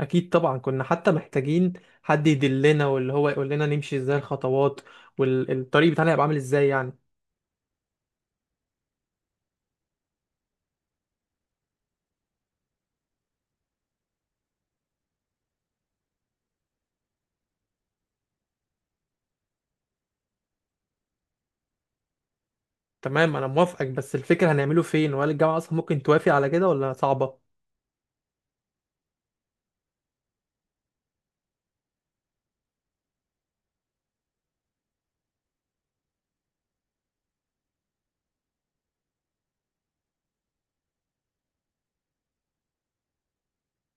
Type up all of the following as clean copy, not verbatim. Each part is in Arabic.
اكيد طبعا، كنا حتى محتاجين حد يدلنا واللي هو يقول لنا نمشي ازاي الخطوات، والطريق بتاعنا هيبقى عامل ازاي يعني. تمام، انا موافقك بس الفكرة هنعمله فين؟ وهل الجامعة اصلا ممكن توافق على كده ولا صعبة؟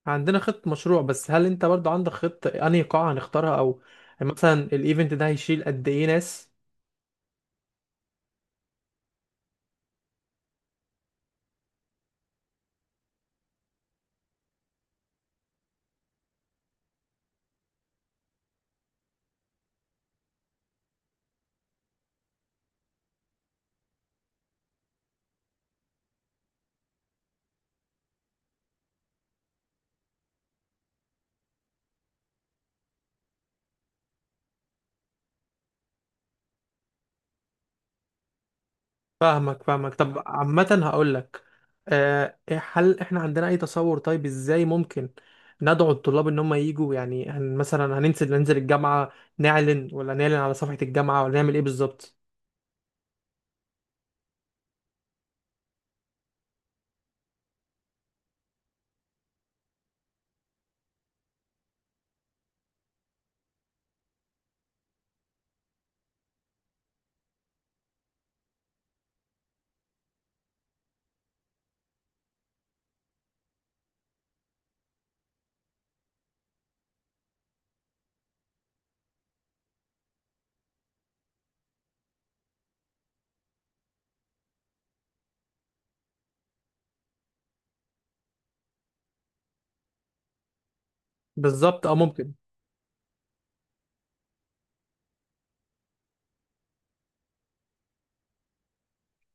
عندنا خطة مشروع، بس هل انت برضو عندك خطة انهي قاعة هنختارها؟ او مثلا الايفنت ده هيشيل قد ايه ناس؟ فاهمك. طب عامة هقول لك، هل احنا عندنا اي تصور؟ طيب ازاي ممكن ندعو الطلاب ان هم يجوا؟ يعني هن مثلا هننزل، الجامعة، نعلن ولا نعلن على صفحة الجامعة، ولا نعمل ايه بالظبط؟ بالظبط، اه ممكن.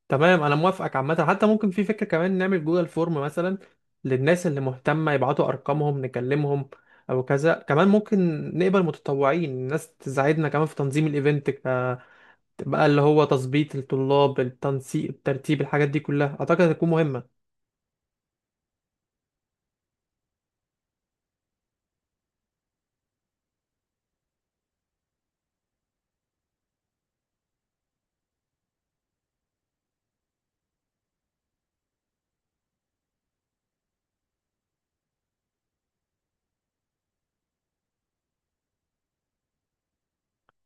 تمام انا موافقك. عامة حتى ممكن في فكرة كمان، نعمل جوجل فورم مثلا للناس اللي مهتمة، يبعتوا ارقامهم نكلمهم او كذا. كمان ممكن نقبل متطوعين، الناس تساعدنا كمان في تنظيم الايفنت، بقى اللي هو تظبيط الطلاب، التنسيق، الترتيب، الحاجات دي كلها اعتقد هتكون مهمه.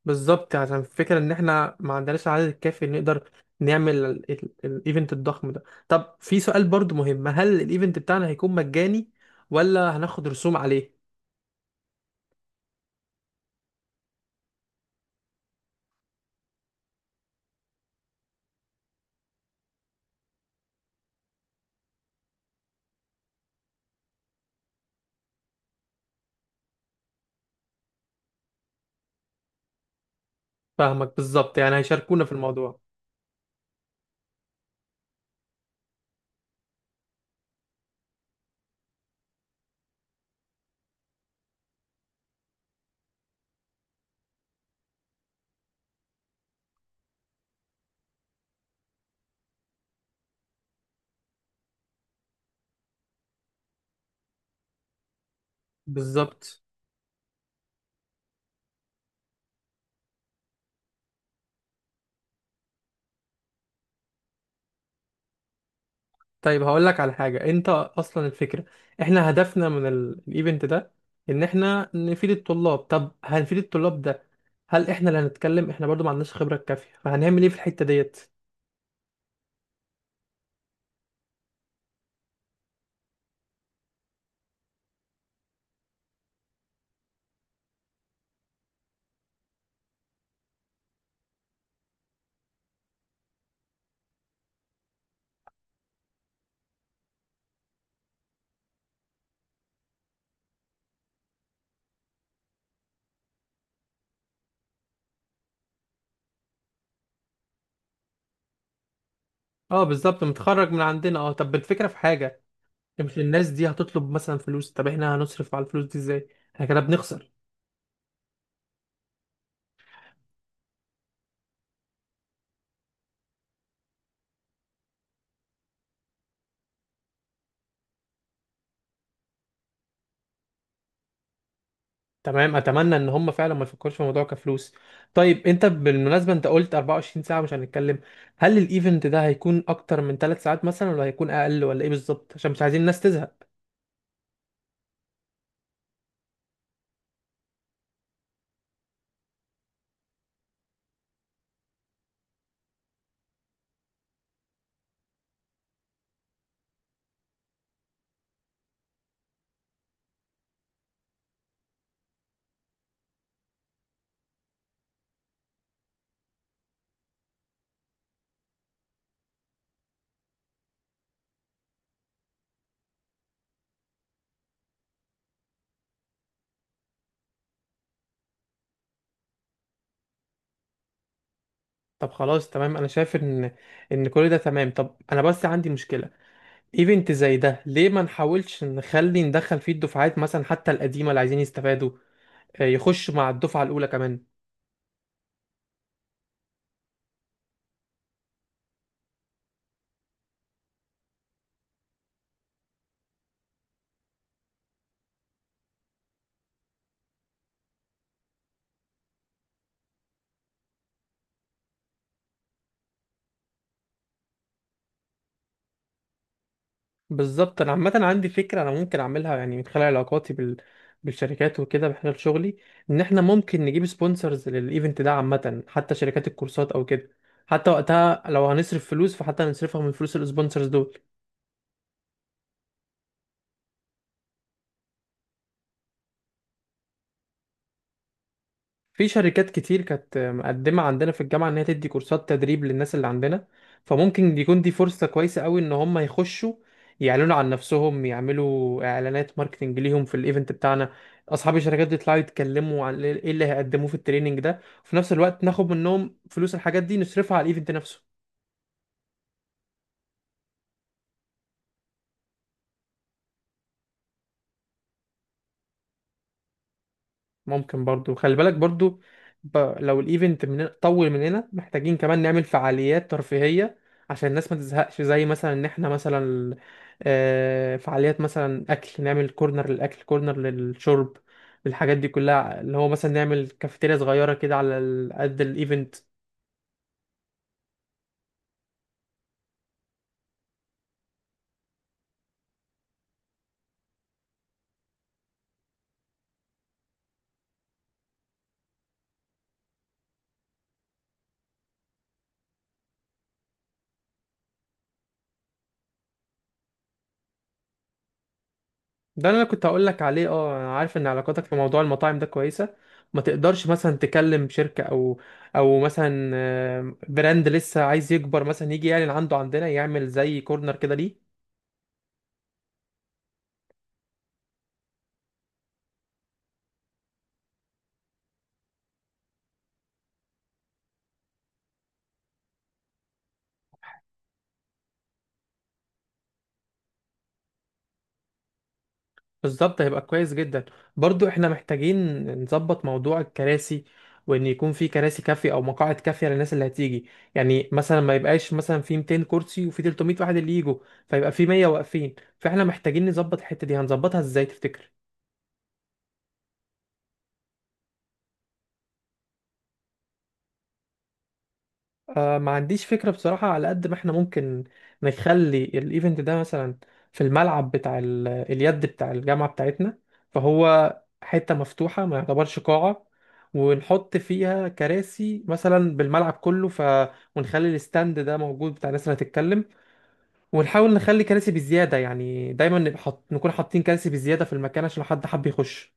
بالظبط، عشان الفكره ان احنا ما عندناش العدد الكافي اللي نقدر نعمل الايفنت الضخم ده. طب في سؤال برضو مهم، هل الايفنت بتاعنا هيكون مجاني ولا هناخد رسوم عليه؟ فاهمك بالظبط، يعني هيشاركونا في الموضوع. بالظبط. طيب هقول لك على حاجة، انت اصلا الفكرة احنا هدفنا من الايفنت ده ان احنا نفيد الطلاب. طب هنفيد الطلاب ده، هل احنا اللي هنتكلم؟ احنا برضو ما عندناش خبرة كافية، فهنعمل ايه في الحتة ديت؟ اه بالظبط، متخرج من عندنا. اه طب الفكرة في حاجة، مش الناس دي هتطلب مثلا فلوس؟ طب احنا هنصرف على الفلوس دي ازاي؟ احنا كده بنخسر. تمام، اتمنى ان هم فعلا ما يفكروش في الموضوع كفلوس. طيب انت بالمناسبه انت قلت 24 ساعه مش هنتكلم، هل الايفنت ده هيكون اكتر من 3 ساعات مثلا ولا هيكون اقل ولا ايه بالظبط؟ عشان مش عايزين الناس تزهق. طب خلاص، تمام، انا شايف ان كل ده تمام. طب انا بس عندي مشكله، ايفنت زي ده ليه ما نحاولش نخلي ندخل فيه الدفعات مثلا حتى القديمه اللي عايزين يستفادوا، يخشوا مع الدفعه الاولى كمان. بالظبط. انا عامه عندي فكره، انا ممكن اعملها يعني من خلال علاقاتي بالشركات وكده، من خلال شغلي، ان احنا ممكن نجيب سبونسرز للايفنت ده. عامه حتى شركات الكورسات او كده، حتى وقتها لو هنصرف فلوس فحتى نصرفها من فلوس السبونسرز دول. في شركات كتير كانت مقدمة عندنا في الجامعة إن هي تدي كورسات تدريب للناس اللي عندنا، فممكن يكون دي فرصة كويسة قوي إن هم يخشوا يعلنوا عن نفسهم، يعملوا إعلانات ماركتينج ليهم في الإيفنت بتاعنا. أصحاب الشركات دي يطلعوا يتكلموا عن إيه اللي هيقدموه في التريننج ده، وفي نفس الوقت ناخد منهم فلوس الحاجات دي نصرفها على الإيفنت نفسه. ممكن برضو خلي بالك برضو، ب... لو الايفنت من... طول مننا محتاجين كمان نعمل فعاليات ترفيهية عشان الناس ما تزهقش. زي مثلا ان احنا مثلا، فعاليات مثلا اكل، نعمل كورنر للاكل، كورنر للشرب، الحاجات دي كلها، اللي هو مثلا نعمل كافيتيريا صغيرة كده على قد الايفنت. ده اللي انا كنت هقول لك عليه، اه انا عارف ان علاقاتك في موضوع المطاعم ده كويسه، ما تقدرش مثلا تكلم شركه او مثلا براند لسه عايز يكبر مثلا يجي يعلن عنده عندنا، يعمل زي كورنر كده، ليه؟ بالظبط، هيبقى كويس جدا. برضو احنا محتاجين نظبط موضوع الكراسي، وان يكون في كراسي كافيه او مقاعد كافيه للناس اللي هتيجي. يعني مثلا ما يبقاش مثلا في 200 كرسي وفي 300 واحد اللي يجوا، فيبقى في 100 واقفين. فاحنا محتاجين نظبط الحته دي، هنظبطها ازاي تفتكر؟ آه، ما عنديش فكرة بصراحة. على قد ما احنا ممكن نخلي الايفنت ده مثلا في الملعب بتاع اليد بتاع الجامعة بتاعتنا، فهو حتة مفتوحة ما يعتبرش قاعة، ونحط فيها كراسي مثلا بالملعب كله، ونخلي الستاند ده موجود بتاع الناس اللي هتتكلم، ونحاول نخلي كراسي بزيادة، يعني دايما نبقى نكون حاطين كراسي بزيادة في المكان عشان لو حد حب يخش.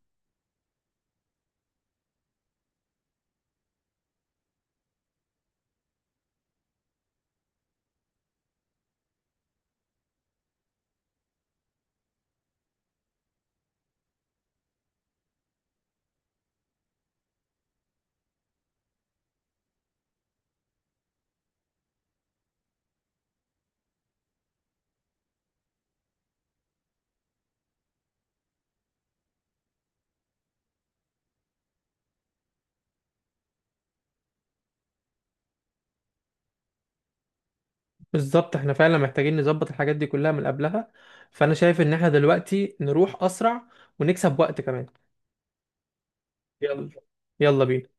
بالظبط، احنا فعلا محتاجين نظبط الحاجات دي كلها من قبلها، فانا شايف ان احنا دلوقتي نروح اسرع ونكسب وقت كمان. يلا، يلا بينا.